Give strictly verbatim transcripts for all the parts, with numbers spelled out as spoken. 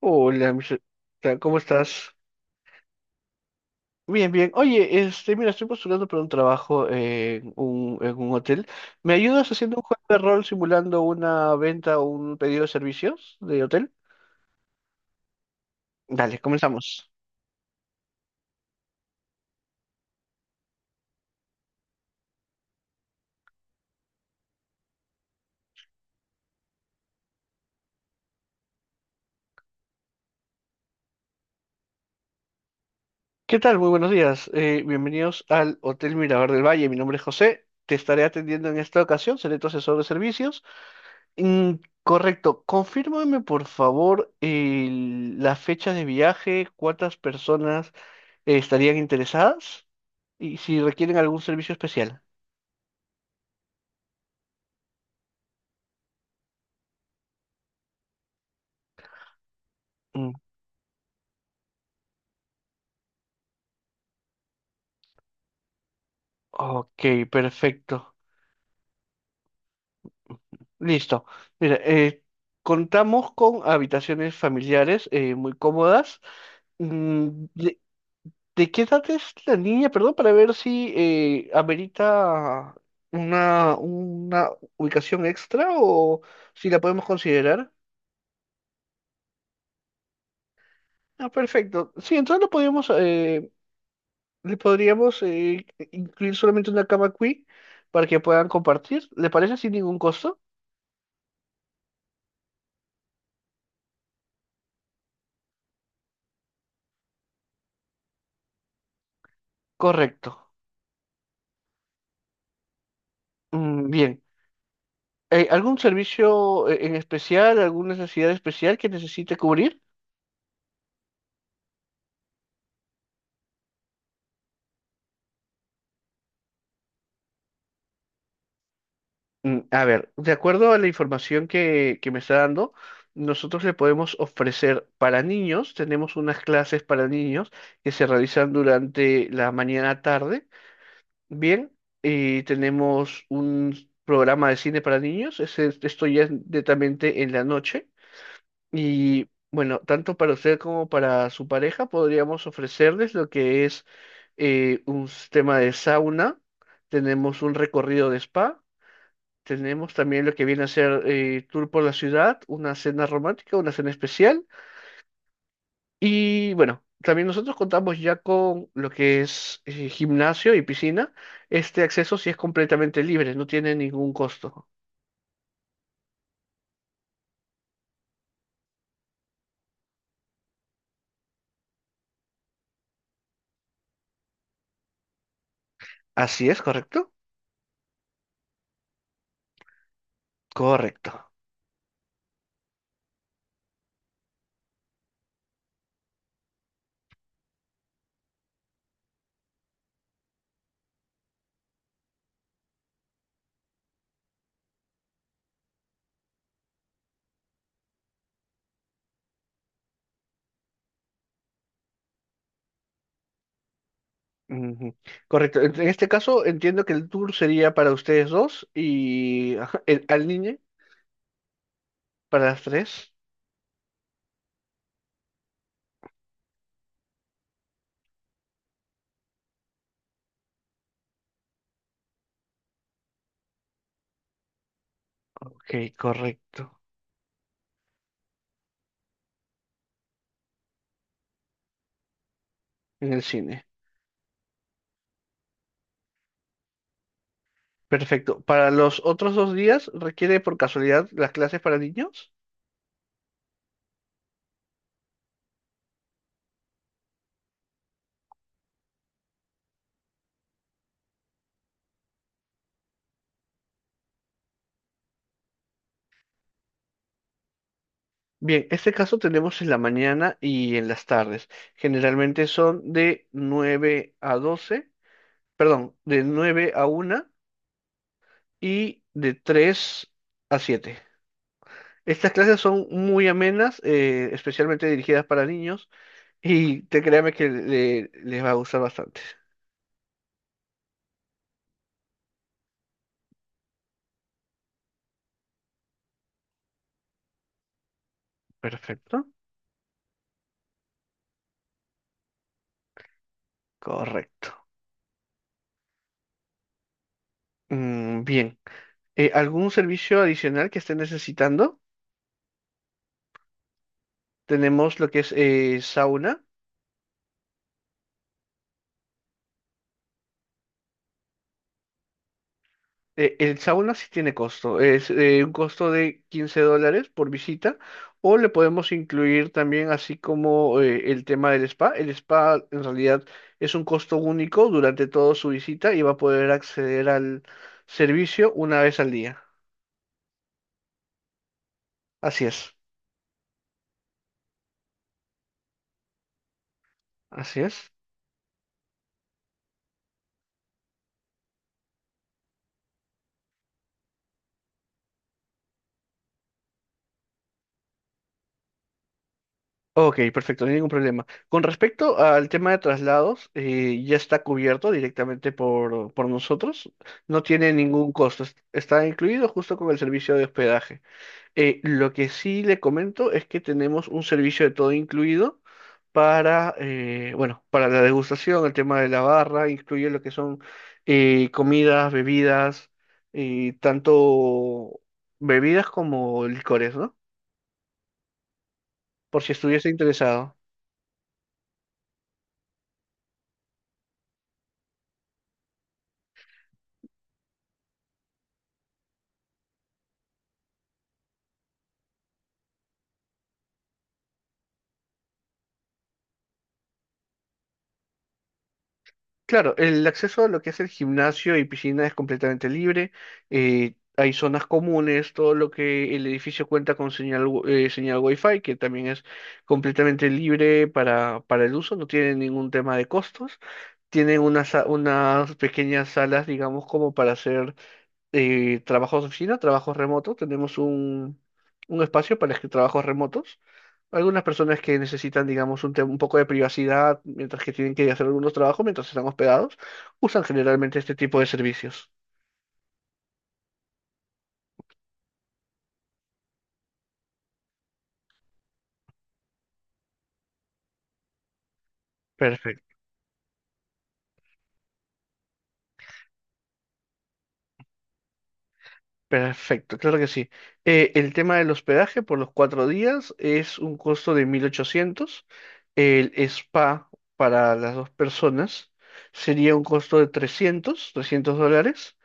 Hola, mis- ta- ¿cómo estás? Bien, bien. Oye, este, mira, estoy postulando para un trabajo en un, en un hotel. ¿Me ayudas haciendo un juego de rol simulando una venta o un pedido de servicios de hotel? Dale, comenzamos. ¿Qué tal? Muy buenos días. Eh, bienvenidos al Hotel Mirador del Valle. Mi nombre es José. Te estaré atendiendo en esta ocasión. Seré tu asesor de servicios. Mm, correcto. Confírmame, por favor, el- la fecha de viaje, cuántas personas eh, estarían interesadas y si requieren algún servicio especial. Mm. Ok, perfecto. Listo. Mira, eh, contamos con habitaciones familiares eh, muy cómodas. Mm, ¿De, de qué edad es la niña? Perdón, para ver si eh, amerita una, una ubicación extra o si la podemos considerar. Ah, perfecto. Sí, entonces lo podemos Le podríamos eh, incluir solamente una cama queen para que puedan compartir. ¿Le parece sin ningún costo? Correcto. Mm, bien. Eh, ¿algún servicio eh, en especial, alguna necesidad especial que necesite cubrir? Mm, a ver, de acuerdo a la información que, que me está dando, nosotros le podemos ofrecer para niños, tenemos unas clases para niños que se realizan durante la mañana-tarde. Bien, y tenemos un programa de cine para niños. Ese, esto ya es netamente en la noche. Y bueno, tanto para usted como para su pareja podríamos ofrecerles lo que es eh, un sistema de sauna. Tenemos un recorrido de spa. Tenemos también lo que viene a ser eh, tour por la ciudad, una cena romántica, una cena especial. Y bueno, también nosotros contamos ya con lo que es eh, gimnasio y piscina. Este acceso sí es completamente libre, no tiene ningún costo. Así es, ¿correcto? Correcto. Ujú. Correcto. En en este caso entiendo que el tour sería para ustedes dos y, ajá, el- al niño para las tres. Ok, correcto. En el cine. Perfecto. Para los otros dos días, ¿requiere por casualidad las clases para niños? Bien, este caso tenemos en la mañana y en las tardes. Generalmente son de nueve a doce, perdón, de nueve a una y de tres a siete. Estas clases son muy amenas, eh, especialmente dirigidas para niños y te créame que le- les va a gustar bastante. Perfecto, correcto. Mm, bien, Eh, ¿algún servicio adicional que esté necesitando? Tenemos lo que es eh, sauna. Eh, el sauna sí tiene costo, es eh, un costo de quince dólares por visita, o le podemos incluir también, así como eh, el tema del spa. El spa en realidad es un costo único durante toda su visita y va a poder acceder al servicio una vez al día. Así es, así es. Ok, perfecto, no hay ningún problema. Con respecto al tema de traslados, eh, ya está cubierto directamente por, por nosotros, no tiene ningún costo, es- está incluido justo con el servicio de hospedaje. Eh, lo que sí le comento es que tenemos un servicio de todo incluido, para, eh, bueno, para la degustación, el tema de la barra, incluye lo que son eh, comidas, bebidas, eh, tanto bebidas como licores, ¿no? Por si estuviese interesado. Claro, el acceso a lo que es el gimnasio y piscina es completamente libre. eh, hay zonas comunes, todo lo que el edificio cuenta con señal, wi- eh, señal Wi-Fi, que también es completamente libre para, para el uso, no tiene ningún tema de costos. Tienen unas, sa- unas pequeñas salas, digamos, como para hacer eh, trabajos de oficina, trabajos remotos. Tenemos un, un espacio para los que- trabajos remotos. Algunas personas que necesitan, digamos, un, te- un poco de privacidad mientras que tienen que hacer algunos trabajos, mientras están hospedados, usan generalmente este tipo de servicios. Perfecto. Perfecto, claro que sí. Eh, el tema del hospedaje por los cuatro días es un costo de mil ochocientos. El spa para las dos personas sería un costo de trescientos trescientos dólares.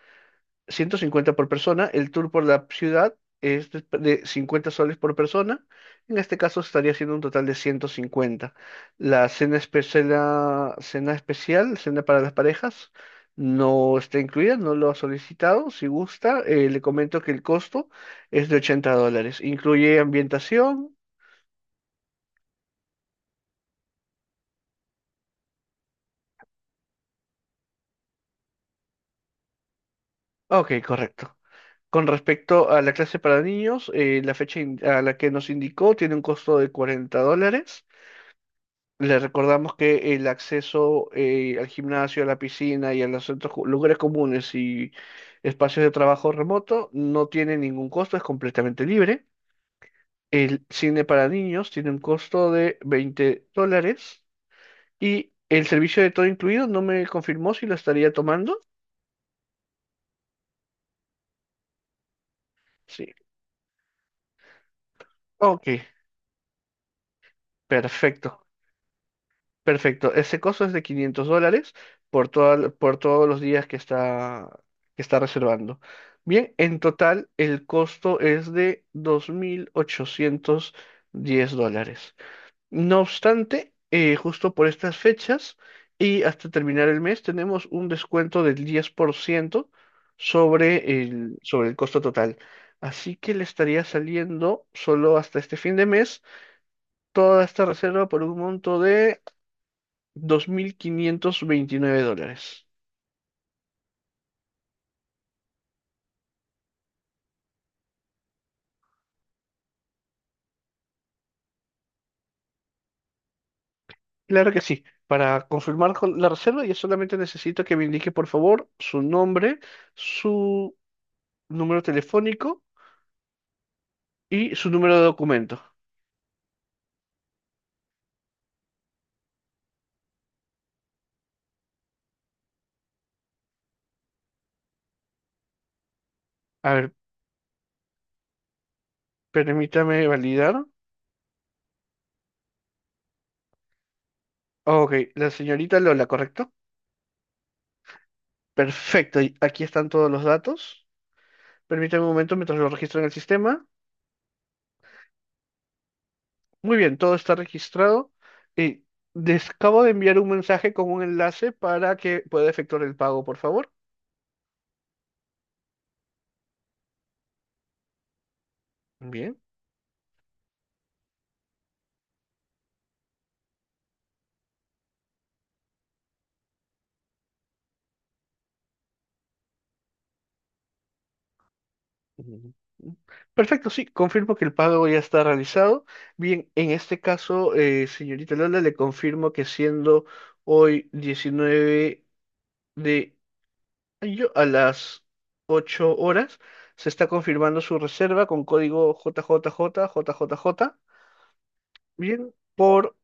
ciento cincuenta por persona. El tour por la ciudad es de de 50 soles por persona, en este caso estaría siendo un total de ciento cincuenta. La cena especial, la cena especial, cena para las parejas, no está incluida, no lo ha solicitado. Si gusta, eh, le comento que el costo es de ochenta dólares, incluye ambientación. Ok, correcto. Con respecto a la clase para niños, eh, la fecha in- a la que nos indicó tiene un costo de cuarenta dólares. Le recordamos que el acceso eh, al gimnasio, a la piscina y a los centros, cu- lugares comunes y espacios de trabajo remoto no tiene ningún costo, es completamente libre. El cine para niños tiene un costo de veinte dólares, y el servicio de todo incluido no me confirmó si lo estaría tomando. Sí. Ok, perfecto. Perfecto. Ese costo es de quinientos dólares por, toda- por todos los días que está, que está, reservando. Bien, en total el costo es de dos mil ochocientos diez dólares. No obstante, eh, justo por estas fechas y hasta terminar el mes tenemos un descuento del diez por ciento sobre el, sobre el costo total. Así que le estaría saliendo, solo hasta este fin de mes, toda esta reserva por un monto de dos mil quinientos veintinueve dólares. Claro que sí. Para confirmar con la reserva, yo solamente necesito que me indique, por favor, su nombre, su número telefónico y su número de documento. A ver, permítame validar. Ok, la señorita Lola, ¿correcto? Perfecto, y aquí están todos los datos. Permítame un momento mientras lo registro en el sistema. Muy bien, todo está registrado. Y les acabo de enviar un mensaje con un enlace para que pueda efectuar el pago, por favor. Bien. Ujú. Perfecto, sí, confirmo que el pago ya está realizado. Bien, en este caso, eh, señorita Lola, le confirmo que siendo hoy diecinueve de mayo a las ocho horas, se está confirmando su reserva con código J J J, J J J, bien, por,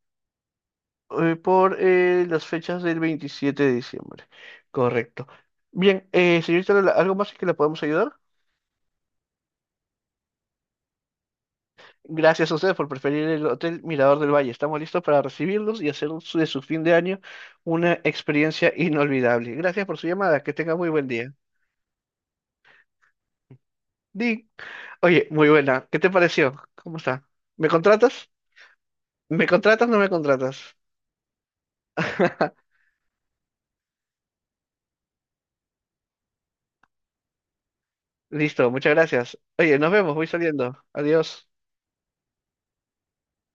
eh, por eh, las fechas del veintisiete de diciembre. Correcto. Bien, eh, señorita Lola, ¿algo más en que la podemos ayudar? Gracias a ustedes por preferir el Hotel Mirador del Valle. Estamos listos para recibirlos y hacer su- de su fin de año una experiencia inolvidable. Gracias por su llamada. Que tenga muy buen día. Di, Oye, muy buena. ¿Qué te pareció? ¿Cómo está? ¿Me contratas? ¿Me contratas o no me contratas? Listo, muchas gracias. Oye, nos vemos. Voy saliendo. Adiós.